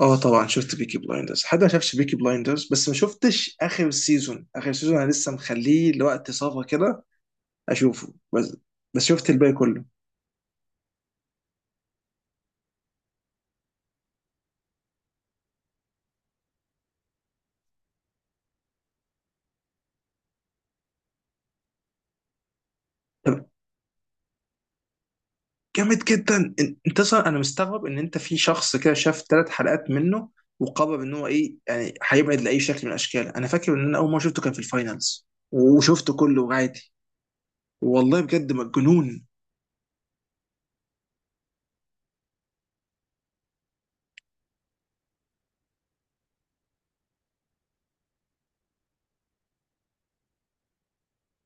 اه طبعا شفت بيكي بلايندرز حد ما شافش بيكي بلايندرز بس ما شفتش اخر سيزون انا لسه مخليه لوقت صفا كده اشوفه بس. شفت الباقي كله. طب جامد جدا، انت اصلا انا مستغرب ان انت في شخص كده شاف ثلاث حلقات منه وقرر ان هو ايه، يعني هيبعد لاي شكل من الاشكال. انا فاكر ان انا اول ما شفته كان في الفاينلز وشفته كله عادي. والله بجد مجنون.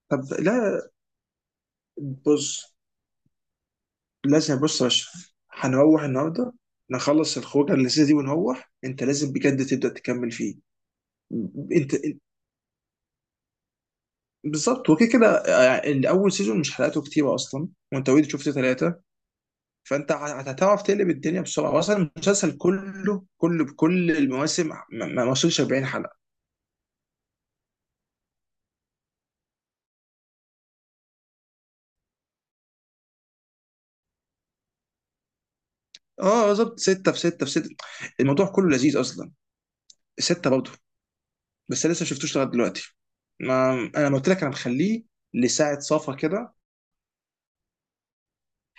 طب لا، بص، لازم، بص يا اشرف هنروح النهارده نخلص الخروجه اللذيذه دي ونروح، انت لازم بجد تبدا تكمل فيه. م- انت إن- بالظبط، وكده كده يعني اول سيزون مش حلقاته كتيره اصلا، وانت اوريدي شفت ثلاثه. فانت هتعرف تقلب الدنيا بسرعه. اصلا المسلسل كله بكل المواسم ما وصلش 40 حلقه. اه بالظبط، سته في سته في سته، الموضوع كله لذيذ اصلا. سته برضه، بس أنا لسه ما شفتوش لغايه دلوقتي. ما انا لما قلت لك انا مخليه لساعه صفا كده،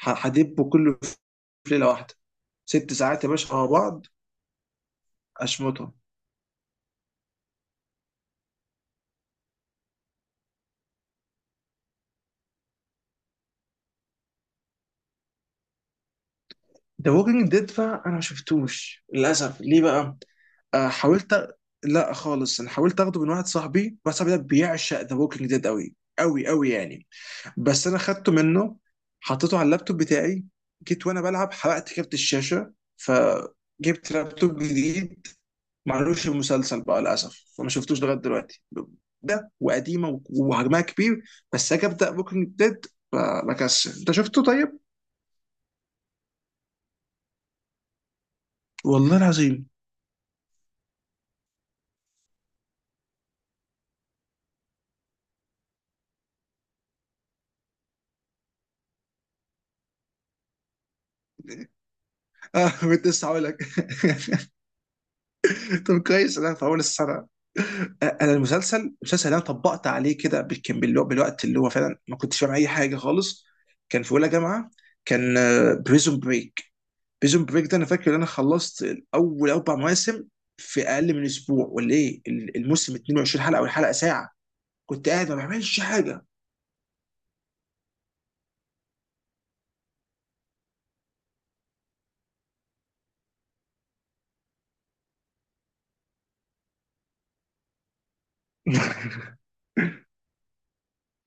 هدبه كله في ليله واحده. 6 ساعات يا باشا مع بعض اشمطهم. ذا ووكينج ديد بقى انا ما شفتوش للاسف. ليه بقى؟ آه حاولت أ- لا خالص، انا حاولت اخده من واحد صاحبي. واحد صاحبي ده بيعشق ذا ووكينج ديد قوي قوي قوي يعني، بس انا خدته منه، حطيته على اللابتوب بتاعي، جيت وانا بلعب حرقت كارت الشاشه، فجبت لابتوب جديد ما عملوش مسلسل بقى للاسف، فما شفتوش لغايه دلوقتي. ده وقديمه وحجمها كبير، بس اجي ابدا ممكن ديد بكسل. انت شفته طيب؟ والله العظيم. اه، كنت لسه هقول لك. طب كويس، انا في اول السنه. انا المسلسل اللي انا طبقت عليه كده، كان بالوقت اللي هو فعلا ما كنتش فاهم اي حاجه خالص. كان في اولى جامعه. كان بريزون بريك بريزون بريك. ده انا فاكر ان انا خلصت اول اربع مواسم في اقل من اسبوع ولا ايه. الموسم 22 حلقه والحلقه ساعه، كنت قاعد ما بعملش حاجه.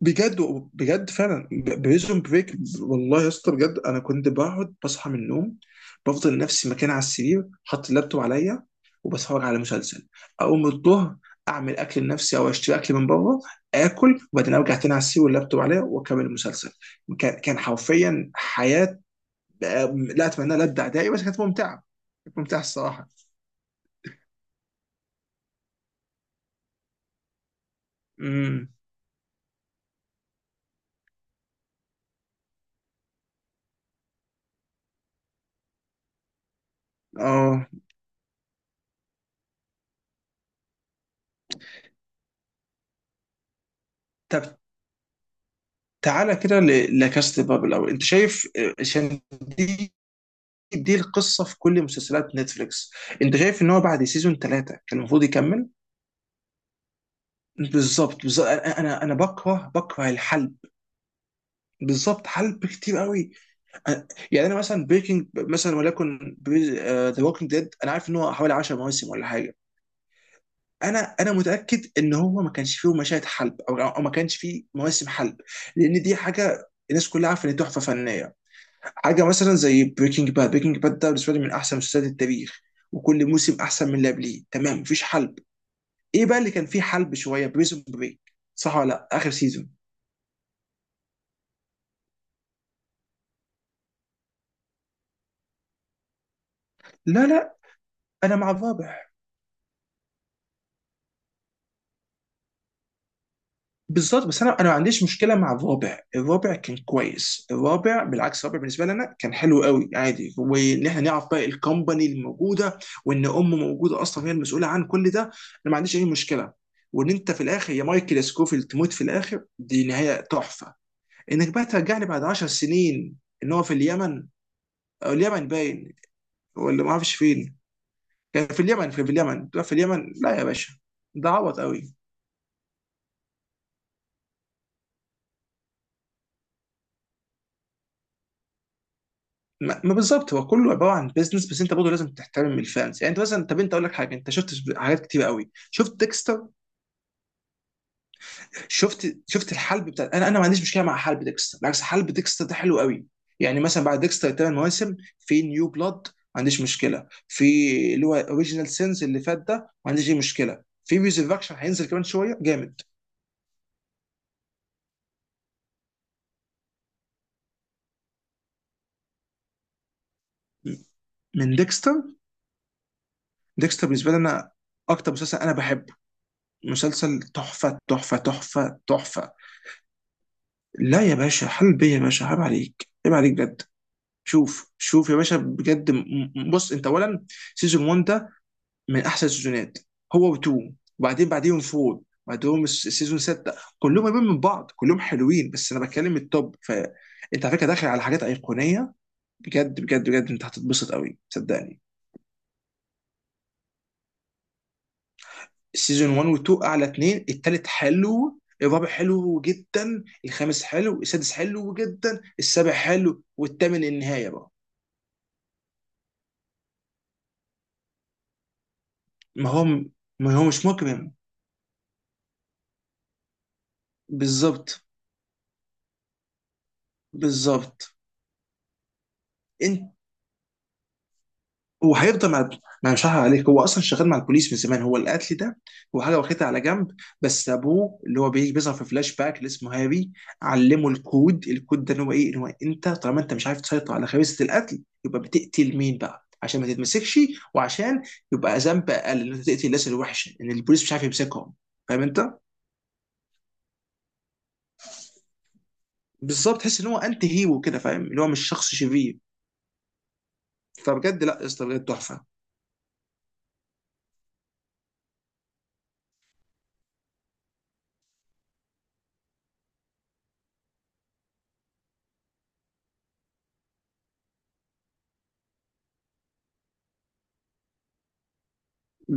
بجد، بجد فعلا بريزون بريك. والله يا اسطى بجد انا كنت بقعد بصحى من النوم، بفضل نفسي مكان على السرير حاطط اللابتوب عليا وبتفرج على مسلسل، اقوم الظهر اعمل اكل لنفسي او اشتري اكل من بره، اكل وبعدين ارجع تاني على السرير واللابتوب عليا واكمل المسلسل. كان حرفيا حياه. لا اتمنى لا ابدع داعي بس كانت ممتعه. كانت ممتعه الصراحه. امم اه طب تعالى كده لكاست بابل، او انت شايف، عشان دي، القصه في كل مسلسلات نتفليكس، انت شايف ان هو بعد سيزون ثلاثه كان المفروض يكمل؟ بالظبط، انا انا أنا بكره بكره الحلب. بالظبط، حلب كتير قوي. أنا- يعني انا مثلا بريكنج مثلا، ولكن ذا ووكينج ديد انا عارف ان هو حوالي 10 مواسم ولا حاجه. انا متاكد ان هو ما كانش فيه مشاهد حلب، او ما كانش فيه مواسم حلب، لان دي حاجه الناس كلها عارفه ان دي تحفه فنيه. حاجه مثلا زي بريكنج باد ده بالنسبه لي من احسن مسلسلات التاريخ، وكل موسم احسن من اللي قبليه، تمام، مفيش حلب. ايه بقى اللي كان فيه حلب شويه؟ بريزون بريك. صح ولا لا؟ اخر سيزون. لا لا، انا مع الرابع. بالظبط، بس انا ما عنديش مشكله مع الرابع، الرابع كان كويس، الرابع بالعكس، الرابع بالنسبه لنا كان حلو قوي عادي، وان احنا نعرف بقى الكومباني الموجوده، وان ام موجوده اصلا هي المسؤوله عن كل ده. انا ما عنديش اي مشكله. وان انت في الاخر يا مايكل يا سكوفيلد تموت في الاخر، دي نهايه تحفه. انك بقى ترجعني بعد 10 سنين ان هو في اليمن، او اليمن باين، ولا ما اعرفش فين، كان في اليمن، في اليمن، لا يا باشا، ده عبط قوي. ما ما بالظبط هو كله عباره عن بيزنس، بس انت برضه لازم تحترم الفانز. يعني انت مثلا، طب انت اقول لك حاجه، انت شفت حاجات كتير قوي. شفت ديكستر؟ شفت الحلب بتاع، انا ما عنديش مشكله مع حلب ديكستر، بالعكس حلب ديكستر ده حلو قوي. يعني مثلا بعد ديكستر ثمان مواسم في نيو بلاد، ما عنديش مشكله في اللي هو اوريجينال سينز اللي فات ده، ما عنديش اي مشكله في ريزركشن هينزل، كمان شويه جامد من ديكستر. ديكستر بالنسبه لي انا اكتر مسلسل انا بحبه، مسلسل تحفه تحفه تحفه تحفه. لا يا باشا، حل بيا يا باشا، عيب عليك، عيب عليك بجد. شوف، شوف يا باشا بجد، بص، انت اولا سيزون 1 ده من احسن السيزونات، هو و2، وبعدين بعديهم 4، بعدهم السيزون 6، كلهم قريبين من بعض، كلهم حلوين، بس انا بتكلم التوب. فانت على فكره داخل على حاجات ايقونيه، بجد بجد بجد، انت هتتبسط قوي صدقني. السيزون 1 و2 اعلى اتنين، التالت حلو، الرابع حلو جدا، الخامس حلو، السادس حلو جدا، السابع حلو، والثامن النهايه بقى. ما هو ما هو مش مجرم. بالظبط بالظبط، انت، هو هيفضل مع، انا مش هحرق عليك، هو اصلا شغال مع البوليس من زمان، هو القتل ده هو حاجه واخدها على جنب، بس ابوه اللي هو بيجي بيظهر في فلاش باك اللي اسمه هاري، علمه الكود ده ان هو ايه، ان هو انت طالما انت مش عارف تسيطر على خبيثه القتل، يبقى بتقتل مين بقى عشان ما تتمسكش، وعشان يبقى ذنب اقل ان انت تقتل الناس الوحشه ان البوليس مش عارف يمسكهم. فاهم انت؟ بالظبط، تحس ان هو انت هيرو كده، فاهم اللي هو مش شخص شرير. فبجد لا يا اسطى بجد تحفه.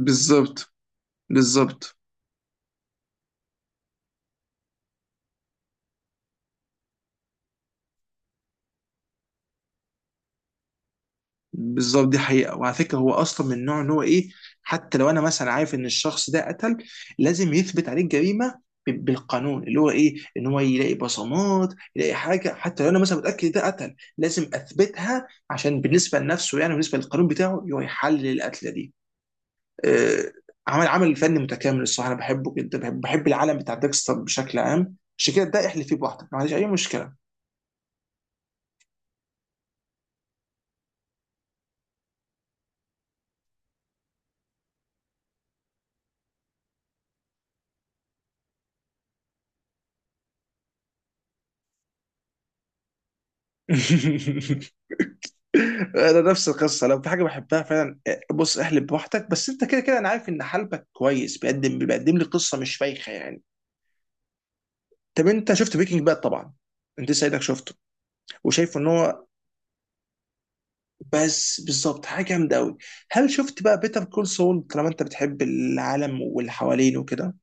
بالظبط بالظبط بالظبط دي حقيقه، وعلى فكره هو اصلا من النوع ان هو ايه، حتى لو انا مثلا عارف ان الشخص ده قتل، لازم يثبت عليه الجريمه بالقانون، اللي هو ايه ان هو يلاقي بصمات، يلاقي حاجه، حتى لو انا مثلا متاكد ده قتل لازم اثبتها، عشان بالنسبه لنفسه يعني، بالنسبه للقانون بتاعه، هو يحلل القتله دي. آه، عمل فني متكامل الصراحه. انا بحبه جدا، بحب العالم بتاع ديكستر بشكل عام، عشان كده ده احلف فيه بوحدك ما عنديش اي مشكله. انا نفس القصه، لو في حاجه بحبها فعلا، بص احلب بوحدك، بس انت كده كده انا عارف ان حلبك كويس، بيقدم لي قصه مش بايخه يعني. طب انت شفت بريكنج باد طبعا؟ انت سيدك شفته. وشايف ان هو، بس بالظبط حاجه جامده قوي. هل شفت بقى بيتر كول سول؟ طالما انت بتحب العالم واللي حوالينه وكده.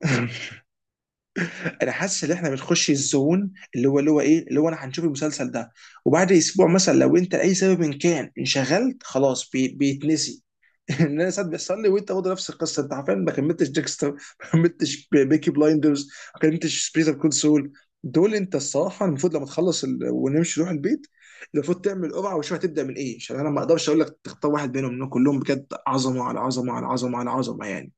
انا حاسس ان احنا بنخش الزون اللي هو انا هنشوف المسلسل ده، وبعد اسبوع مثلا لو انت لاي سبب إن كان انشغلت، خلاص بيتنسي. ان انا ساعات بيحصل لي، وانت برضه نفس القصه، انت حرفيا ما كملتش ديكستر، ما كملتش بيكي بلايندرز، ما كملتش سبيس اوف كونسول. دول انت الصراحه المفروض لما تخلص ونمشي نروح البيت، المفروض تعمل قرعه وشوف هتبدا من ايه، عشان انا ما اقدرش اقول لك تختار واحد بينهم لانهم كلهم بجد عظمه على عظمه على عظمه على عظمه يعني.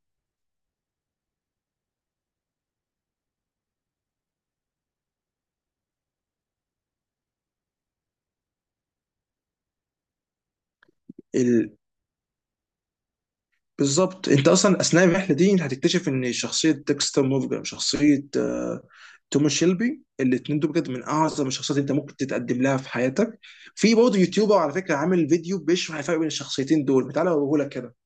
بالظبط، انت اصلا اثناء الرحله دي انت هتكتشف ان شخصيه ديكستر مورجان، شخصيه توماس شيلبي، الاثنين دول بجد من اعظم الشخصيات اللي انت ممكن تتقدم لها في حياتك. في برضه يوتيوبر على فكره عامل فيديو بيشرح الفرق بين الشخصيتين دول، تعالى اوريه لك كده.